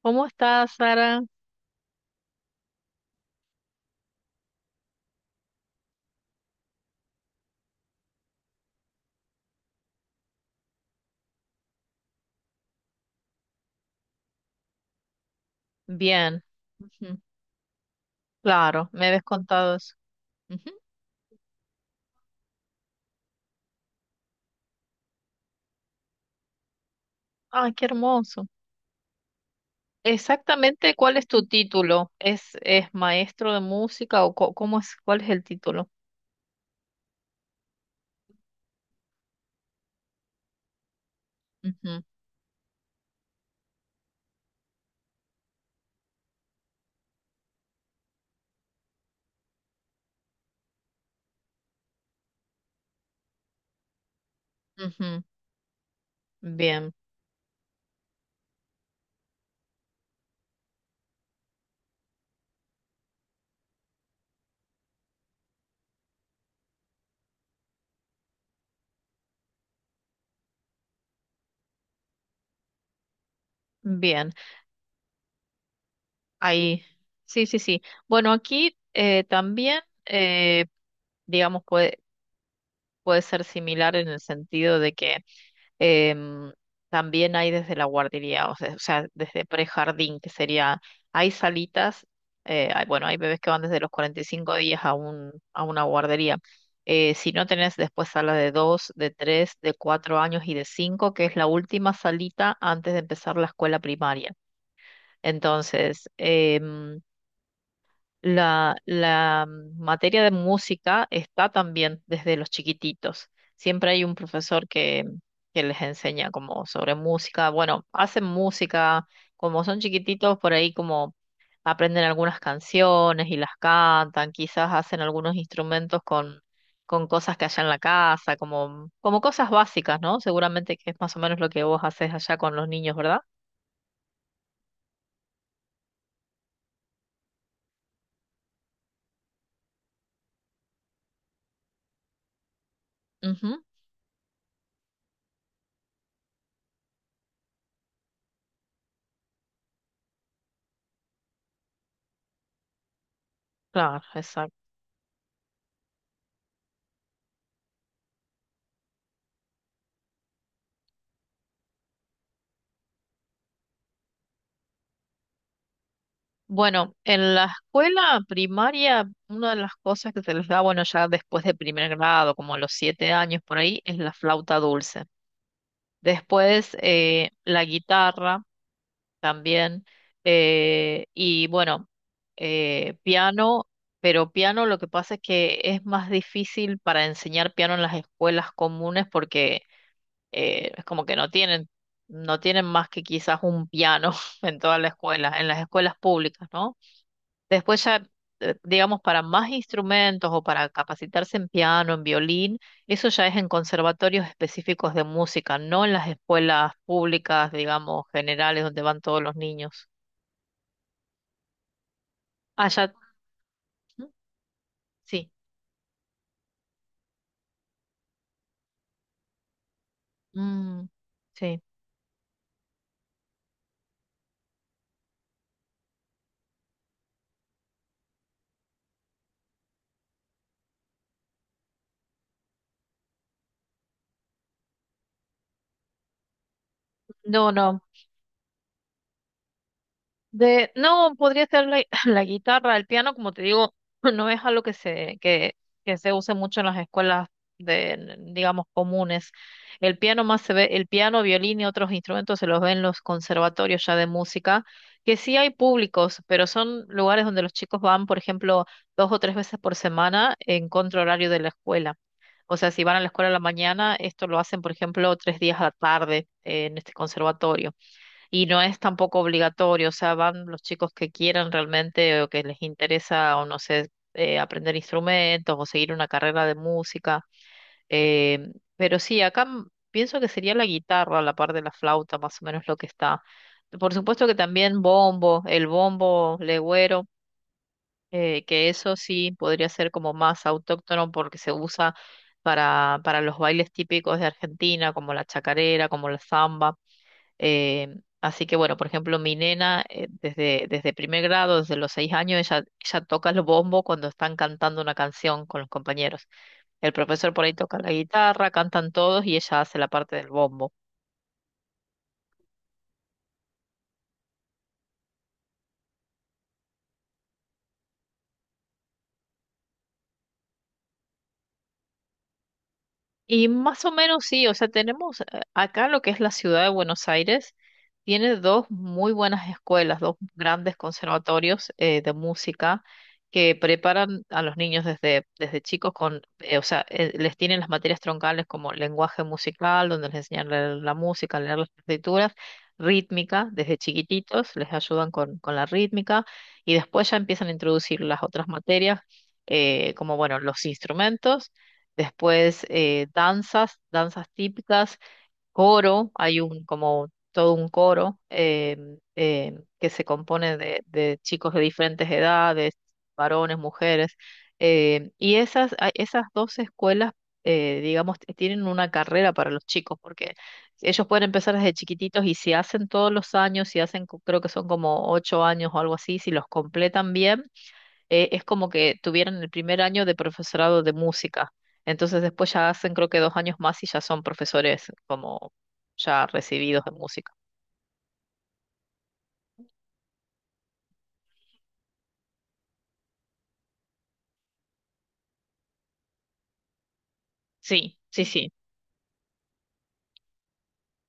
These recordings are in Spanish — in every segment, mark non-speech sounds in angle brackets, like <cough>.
¿Cómo estás, Sara? Bien. Ujú. Claro, me habías contado eso. Ujú. Ay, qué hermoso. Exactamente, ¿cuál es tu título? ¿Es maestro de música o cómo es, ¿cuál es el título? Ujú, ujú. Bien, bien. Ahí. Sí, sí, sí. Bueno, aquí también, eh, digamos, puede ser similar en el sentido de que Em, también hay desde la guardería, o sea, desde prejardín, que sería, hay salitas, bueno, hay bebés que van desde los 45 días a una guardería. Si no tenés después sala de 2 de 3 de 4 años y de cinco, que es la última salita antes de empezar la escuela primaria. Entonces, la materia de música está también desde los chiquititos. Siempre hay un profesor que les enseña como sobre música. Bueno, hacen música, como son chiquititos, por ahí como aprenden algunas canciones y las cantan, quizás hacen algunos instrumentos con cosas que haya en la casa, como cosas básicas, ¿no? Seguramente que es más o menos lo que vos haces allá con los niños, ¿verdad? Ujú. Claro, exacto. Bueno, en la escuela primaria, una de las cosas que se les da, bueno, ya después de primer grado, como a los 7 años por ahí, es la flauta dulce. Después, la guitarra también, y bueno, piano, pero piano lo que pasa es que es más difícil para enseñar piano en las escuelas comunes porque es como que no tienen más que quizás un piano <laughs> en toda la escuela, en las escuelas públicas, ¿no? Después ya, digamos, para más instrumentos o para capacitarse en piano, en violín, eso ya es en conservatorios específicos de música, no en las escuelas públicas, digamos, generales, donde van todos los niños. Ah, ya. ¿Mm? Sí. Mm, sí. No, no. No, podría ser la, <clears throat> la guitarra, el piano, como te digo, <clears throat> no es algo que se use mucho en las escuelas de, digamos, comunes. El piano más se ve, el piano, violín y otros instrumentos se los ven en los conservatorios ya de música, que sí hay públicos, pero son lugares donde los chicos van, por ejemplo, dos o tres veces por semana en contra horario de la escuela. O sea, si van a la escuela a la mañana, esto lo hacen, por ejemplo, tres días a la tarde, en este conservatorio. Y no es tampoco obligatorio, o sea, van los chicos que quieran realmente o que les interesa, o no sé, aprender instrumentos o seguir una carrera de música. Pero sí, acá pienso que sería la guitarra a la par de la flauta, más o menos lo que está. Por supuesto que también bombo, el bombo legüero, que eso sí podría ser como más autóctono porque se usa para los bailes típicos de Argentina, como la chacarera, como la zamba. Eh, así que bueno, por ejemplo, mi nena desde primer grado, desde los 6 años, ella toca el bombo cuando están cantando una canción con los compañeros. El profesor por ahí toca la guitarra, cantan todos y ella hace la parte del bombo. Y más o menos sí, o sea, tenemos acá lo que es la ciudad de Buenos Aires, tiene dos muy buenas escuelas, dos grandes conservatorios de música, que preparan a los niños desde chicos con, les tienen las materias troncales, como lenguaje musical, donde les enseñan a leer la música, leer las partituras, rítmica. Desde chiquititos, les ayudan con la rítmica y después ya empiezan a introducir las otras materias, como bueno, los instrumentos. Después, danzas, danzas típicas, coro. Hay un como todo un coro que se compone de chicos de diferentes edades, varones, mujeres. Esas dos escuelas, digamos, tienen una carrera para los chicos, porque ellos pueden empezar desde chiquititos y si hacen todos los años, si hacen, creo que son como 8 años o algo así, si los completan bien, es como que tuvieran el primer año de profesorado de música. Entonces después ya hacen creo que 2 años más y ya son profesores como ya recibidos de música. Sí, sí, sí.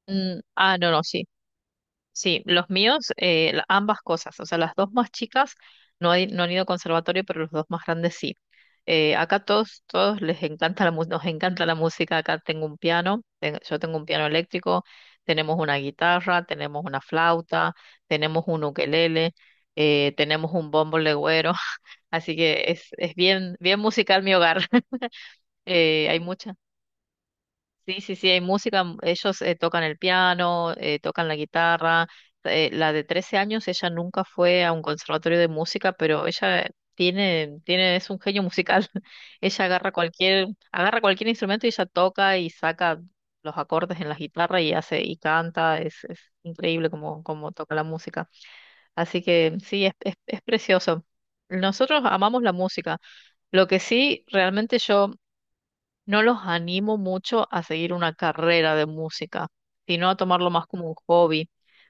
Mm, ah, no, no, sí. Sí, los míos, ambas cosas, o sea, las dos más chicas no, no han ido a conservatorio, pero los dos más grandes sí. Acá todos, todos les encanta la, mu- nos encanta la música. Acá tengo un piano, yo tengo un piano eléctrico, tenemos una guitarra, tenemos una flauta, tenemos un ukelele, tenemos un bombo legüero, <laughs> así que es bien, bien musical mi hogar. <laughs> Hay muchas Sí, sí, sí, hay música, ellos tocan el piano, tocan la guitarra. La de 13 años, ella nunca fue a un conservatorio de música, pero ella es un genio musical. <laughs> Ella agarra cualquier instrumento y ella toca y saca los acordes en la guitarra y hace, y canta, es, increíble cómo toca la música. Así que sí, es precioso. Nosotros amamos la música. Lo que sí, realmente yo no los animo mucho a seguir una carrera de música, sino a tomarlo más como un hobby,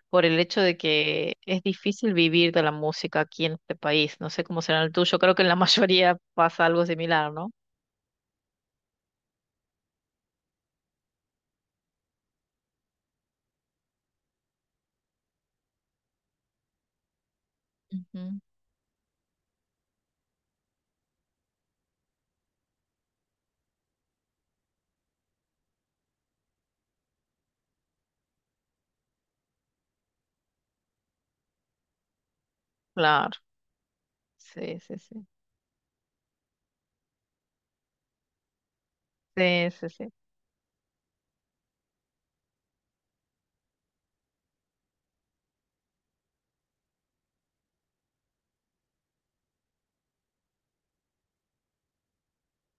por el hecho de que es difícil vivir de la música aquí en este país. No sé cómo será en el tuyo, creo que en la <laughs> mayoría pasa algo similar, ¿no? Ujú. Claro, sí, sí, sí. Sí, sí, sí.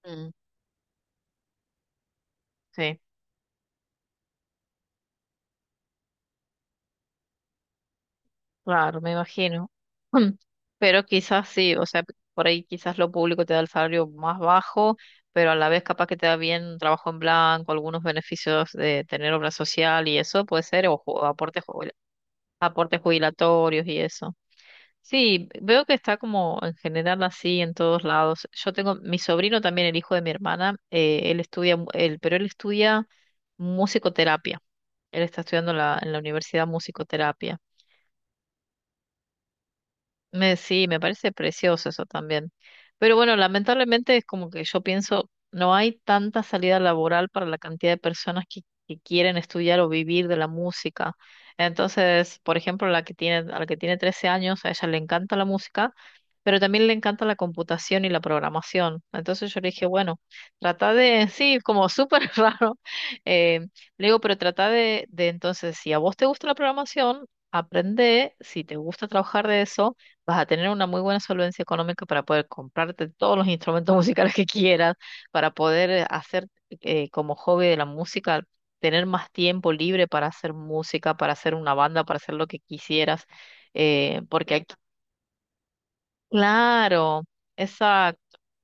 Mm, sí. Claro, me imagino. <laughs> Pero quizás sí, o sea, por ahí quizás lo público te da el salario más bajo, pero a la vez capaz que te da bien un trabajo en blanco, algunos beneficios de tener obra social y eso puede ser, o aportes jubilatorios y eso. Sí, veo que está como en general así en todos lados. Yo tengo mi sobrino también, el hijo de mi hermana, él estudia musicoterapia. Él está estudiando en la universidad musicoterapia. Sí, me parece precioso eso también. Pero bueno, lamentablemente, es como que yo pienso, no hay tanta salida laboral para la cantidad de personas que quieren estudiar o vivir de la música. Entonces, por ejemplo, a la que tiene 13 años, a ella le encanta la música, pero también le encanta la computación y la programación. Entonces yo le dije, bueno, trata de, <laughs> sí, como súper <laughs> raro. eh, Le digo, pero trata de entonces, si a vos te gusta la programación, aprende, si te gusta trabajar de eso vas a tener una muy buena solvencia económica para poder comprarte todos los <laughs> instrumentos musicales que quieras, para poder hacer como hobby de la música, tener más tiempo libre para hacer música, para hacer una banda, para hacer lo que quisieras, porque aquí, claro, exacto.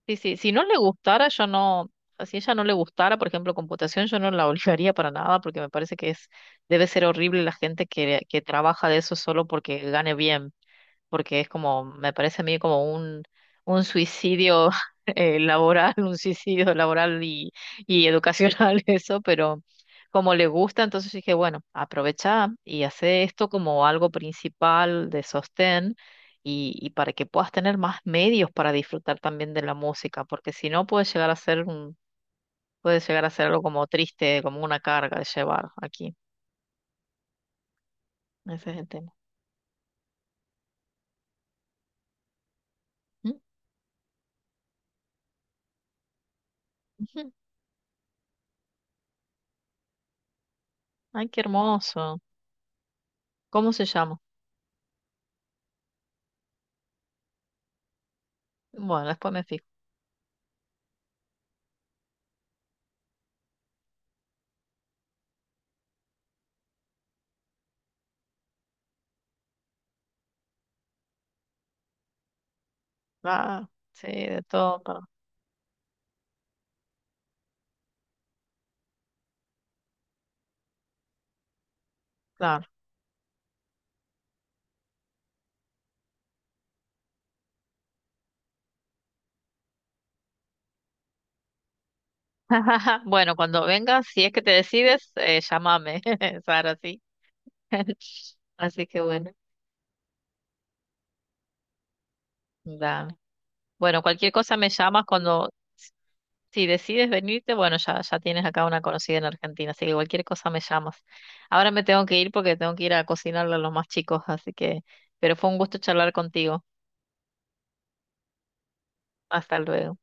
Sí, sí, si no le gustara, yo no, si ella no le gustara, por ejemplo, computación, yo no la <laughs> obligaría para nada, porque me parece que debe ser horrible la gente que trabaja de eso solo porque gane bien, porque es como, me parece a mí como un, suicidio <laughs> laboral, un suicidio laboral y educacional <laughs> eso, pero como le gusta, entonces dije, bueno, aprovecha y hace esto como algo principal de sostén y para que puedas tener más medios para disfrutar también de la música, porque si no puede llegar a ser algo como triste, como una carga de llevar aquí. Ese es el tema. Mm, ujú. Ay, qué hermoso. ¿Cómo se llama? Bueno, después me fijo. Ah, sí, de todo, pero claro. <laughs> Bueno, cuando vengas, si es que te decides, llámame, <laughs> Sara, sí. <laughs> Así que bueno, dame. Bueno, cualquier cosa me llamas si decides venirte, bueno, ya, ya tienes acá una conocida en Argentina, así que cualquier cosa me llamas. Ahora me tengo que ir porque tengo que ir a cocinarle a los más chicos, así que, pero fue un gusto charlar contigo. Hasta luego.